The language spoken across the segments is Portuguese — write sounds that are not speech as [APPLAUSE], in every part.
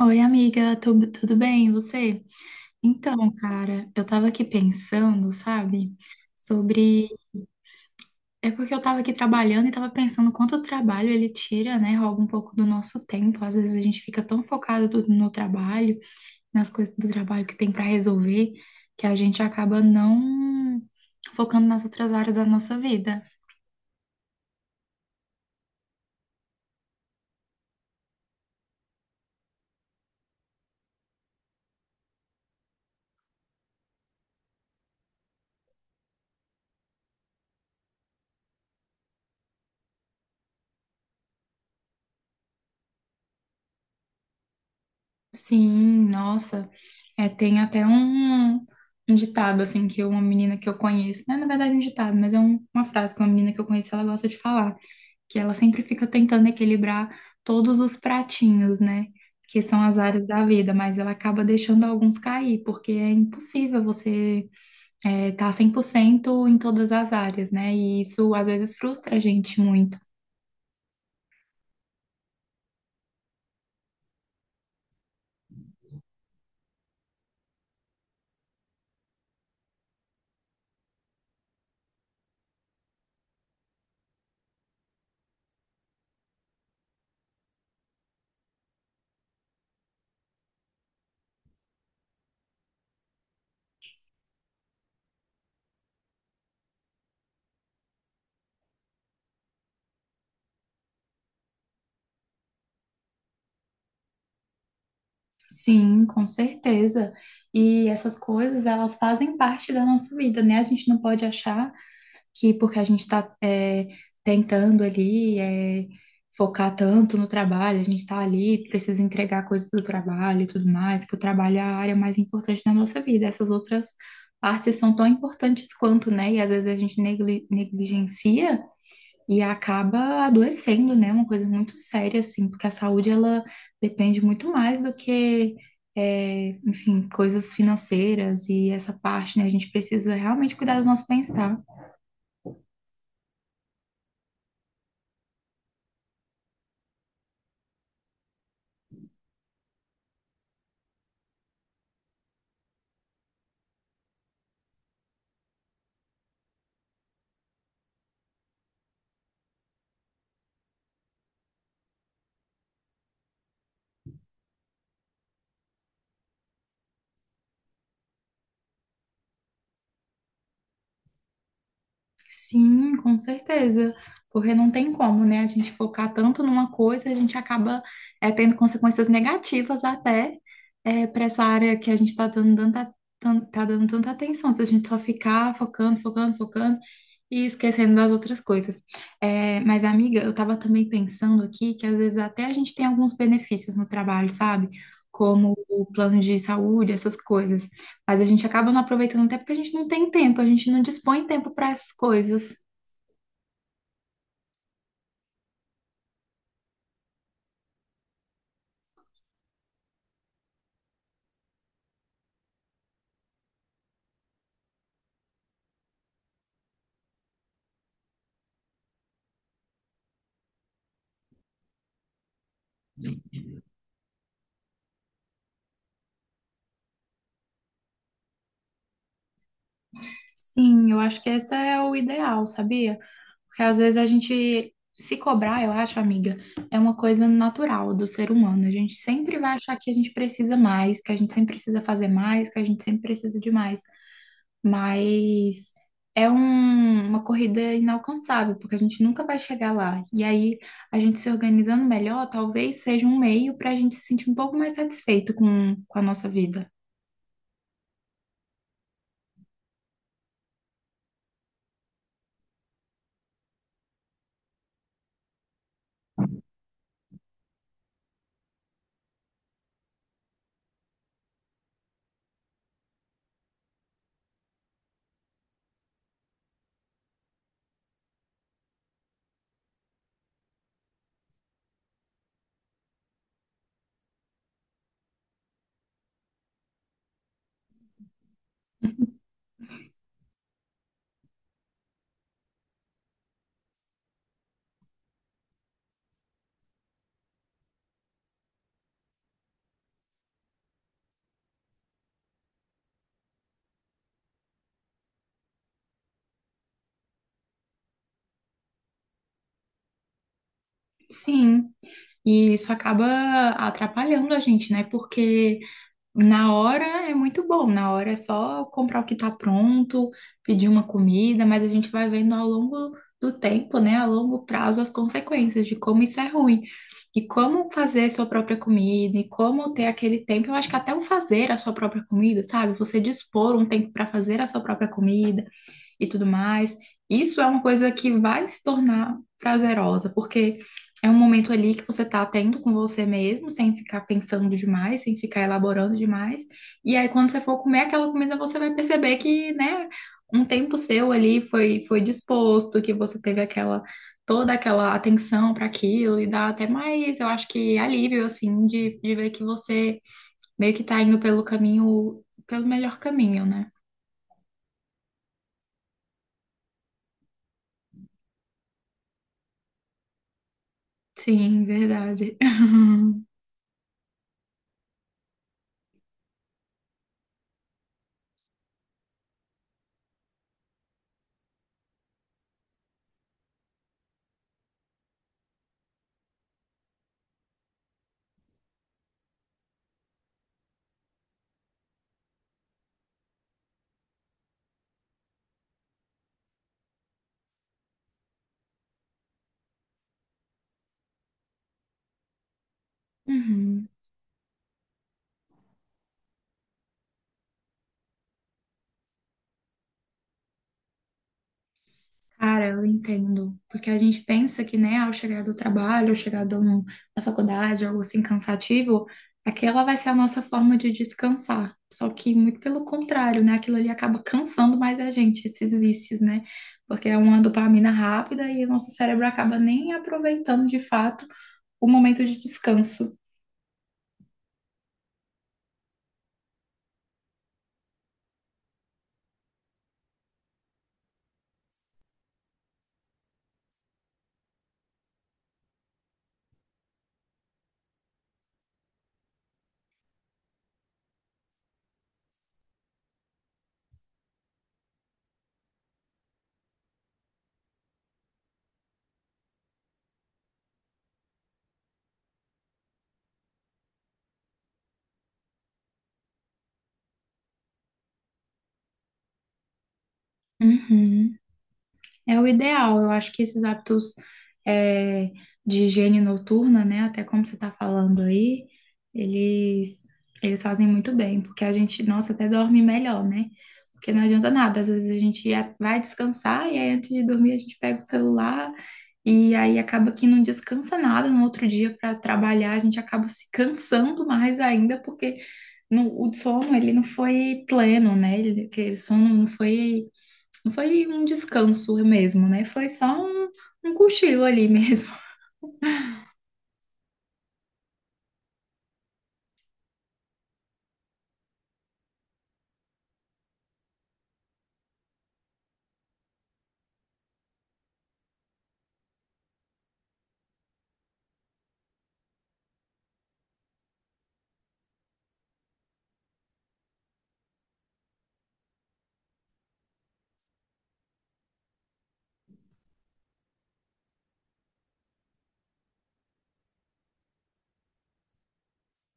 Oi, amiga, tudo bem? E você? Então, cara, eu tava aqui pensando, sabe, sobre. É porque eu tava aqui trabalhando e tava pensando quanto o trabalho ele tira, né? Rouba um pouco do nosso tempo. Às vezes a gente fica tão focado no trabalho, nas coisas do trabalho que tem pra resolver, que a gente acaba não focando nas outras áreas da nossa vida. Sim, nossa, tem até um ditado, assim, que uma menina que eu conheço, não é, na verdade é um ditado, mas é uma frase que uma menina que eu conheço, ela gosta de falar, que ela sempre fica tentando equilibrar todos os pratinhos, né, que são as áreas da vida, mas ela acaba deixando alguns cair, porque é impossível você estar tá 100% em todas as áreas, né, e isso às vezes frustra a gente muito. Sim, com certeza. E essas coisas, elas fazem parte da nossa vida, né? A gente não pode achar que porque a gente está tentando ali focar tanto no trabalho, a gente está ali, precisa entregar coisas do trabalho e tudo mais, que o trabalho é a área mais importante da nossa vida. Essas outras partes são tão importantes quanto, né? E às vezes a gente negligencia e acaba adoecendo, né? Uma coisa muito séria, assim, porque a saúde ela depende muito mais do que, enfim, coisas financeiras e essa parte, né? A gente precisa realmente cuidar do nosso bem-estar. Sim, com certeza. Porque não tem como, né? A gente focar tanto numa coisa, a gente acaba tendo consequências negativas até para essa área que a gente está dando tá dando tanta atenção. Se a gente só ficar focando e esquecendo das outras coisas. É, mas, amiga, eu estava também pensando aqui que às vezes até a gente tem alguns benefícios no trabalho, sabe? Como o plano de saúde, essas coisas. Mas a gente acaba não aproveitando até porque a gente não tem tempo, a gente não dispõe tempo para essas coisas. Sim, eu acho que esse é o ideal, sabia? Porque às vezes a gente se cobrar, eu acho, amiga, é uma coisa natural do ser humano. A gente sempre vai achar que a gente precisa mais, que a gente sempre precisa fazer mais, que a gente sempre precisa de mais. Mas é uma corrida inalcançável, porque a gente nunca vai chegar lá. E aí, a gente se organizando melhor, talvez seja um meio para a gente se sentir um pouco mais satisfeito com a nossa vida. Sim, e isso acaba atrapalhando a gente, né? Porque. Na hora é muito bom, na hora é só comprar o que está pronto, pedir uma comida, mas a gente vai vendo ao longo do tempo, né, a longo prazo, as consequências de como isso é ruim. E como fazer sua própria comida, e como ter aquele tempo, eu acho que até o fazer a sua própria comida, sabe? Você dispor um tempo para fazer a sua própria comida, e tudo mais. Isso é uma coisa que vai se tornar prazerosa, porque é um momento ali que você tá tendo com você mesmo, sem ficar pensando demais, sem ficar elaborando demais. E aí, quando você for comer aquela comida, você vai perceber que, né, um tempo seu ali foi disposto, que você teve aquela. Toda aquela atenção para aquilo e dá até mais, eu acho que alívio, assim, de ver que você meio que tá indo pelo caminho, pelo melhor caminho, né? Sim, verdade. [LAUGHS] Uhum. Cara, eu entendo. Porque a gente pensa que, né, ao chegar do trabalho, ao chegar da faculdade, algo assim cansativo, aquela vai ser a nossa forma de descansar. Só que, muito pelo contrário, né, aquilo ali acaba cansando mais a gente, esses vícios, né? Porque é uma dopamina rápida e o nosso cérebro acaba nem aproveitando de fato o momento de descanso. Uhum. É o ideal. Eu acho que esses hábitos é, de higiene noturna, né, até como você está falando aí, eles eles fazem muito bem, porque a gente, nossa, até dorme melhor, né? Porque não adianta nada. Às vezes a gente vai descansar e aí antes de dormir a gente pega o celular e aí acaba que não descansa nada no outro dia para trabalhar. A gente acaba se cansando mais ainda porque o sono ele não foi pleno, né? Ele, aquele sono não foi um descanso mesmo, né? Foi só um cochilo ali mesmo. [LAUGHS]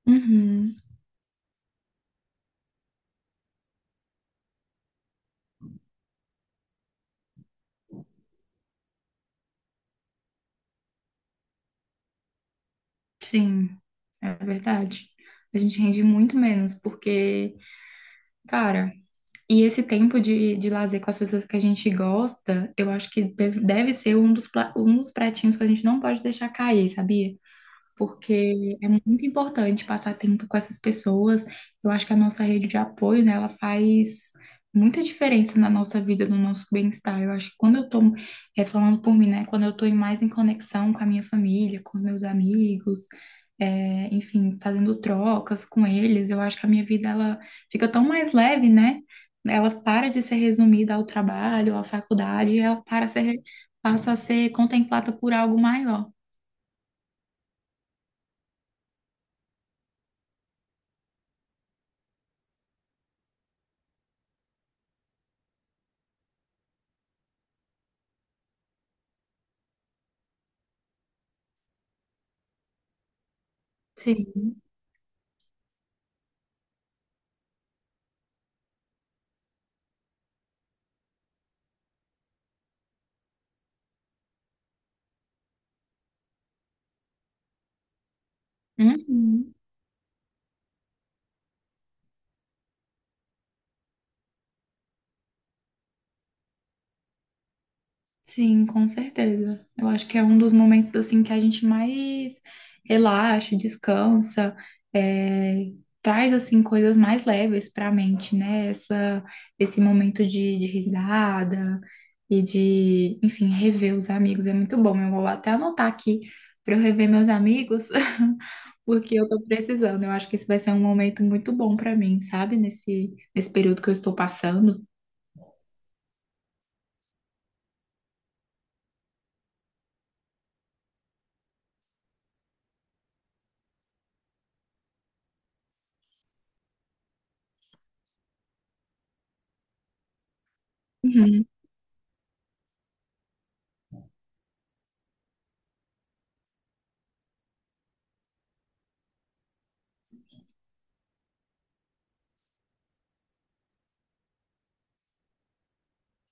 Uhum, sim, é verdade. A gente rende muito menos, porque, cara, e esse tempo de lazer com as pessoas que a gente gosta, eu acho que deve ser um um dos pratinhos que a gente não pode deixar cair, sabia? Porque é muito importante passar tempo com essas pessoas. Eu acho que a nossa rede de apoio, né, ela faz muita diferença na nossa vida, no nosso bem-estar. Eu acho que quando eu tô, falando por mim, né, quando eu tô mais em conexão com a minha família, com os meus amigos, enfim, fazendo trocas com eles, eu acho que a minha vida, ela fica tão mais leve, né? Ela para de ser resumida ao trabalho, à faculdade, ela passa a ser contemplada por algo maior. Sim. Uhum. Sim, com certeza. Eu acho que é um dos momentos assim que a gente mais relaxa, descansa, é, traz assim coisas mais leves para a mente, né? Esse momento de risada e de, enfim, rever os amigos é muito bom. Eu vou até anotar aqui para eu rever meus amigos, [LAUGHS] porque eu tô precisando. Eu acho que esse vai ser um momento muito bom para mim, sabe? Nesse período que eu estou passando. Uhum.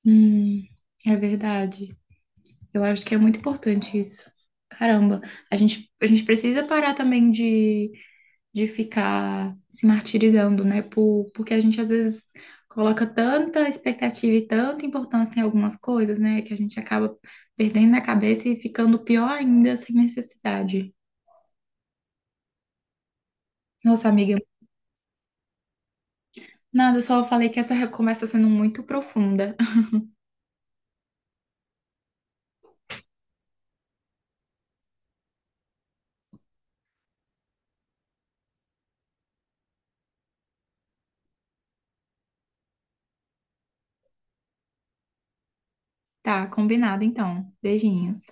Hum, é verdade. Eu acho que é muito importante isso. Caramba, a gente precisa parar também de ficar se martirizando, né? Porque a gente às vezes coloca tanta expectativa e tanta importância em algumas coisas, né? Que a gente acaba perdendo a cabeça e ficando pior ainda sem necessidade. Nossa, amiga, nada, só falei que essa conversa está sendo muito profunda. Tá, combinado então. Beijinhos.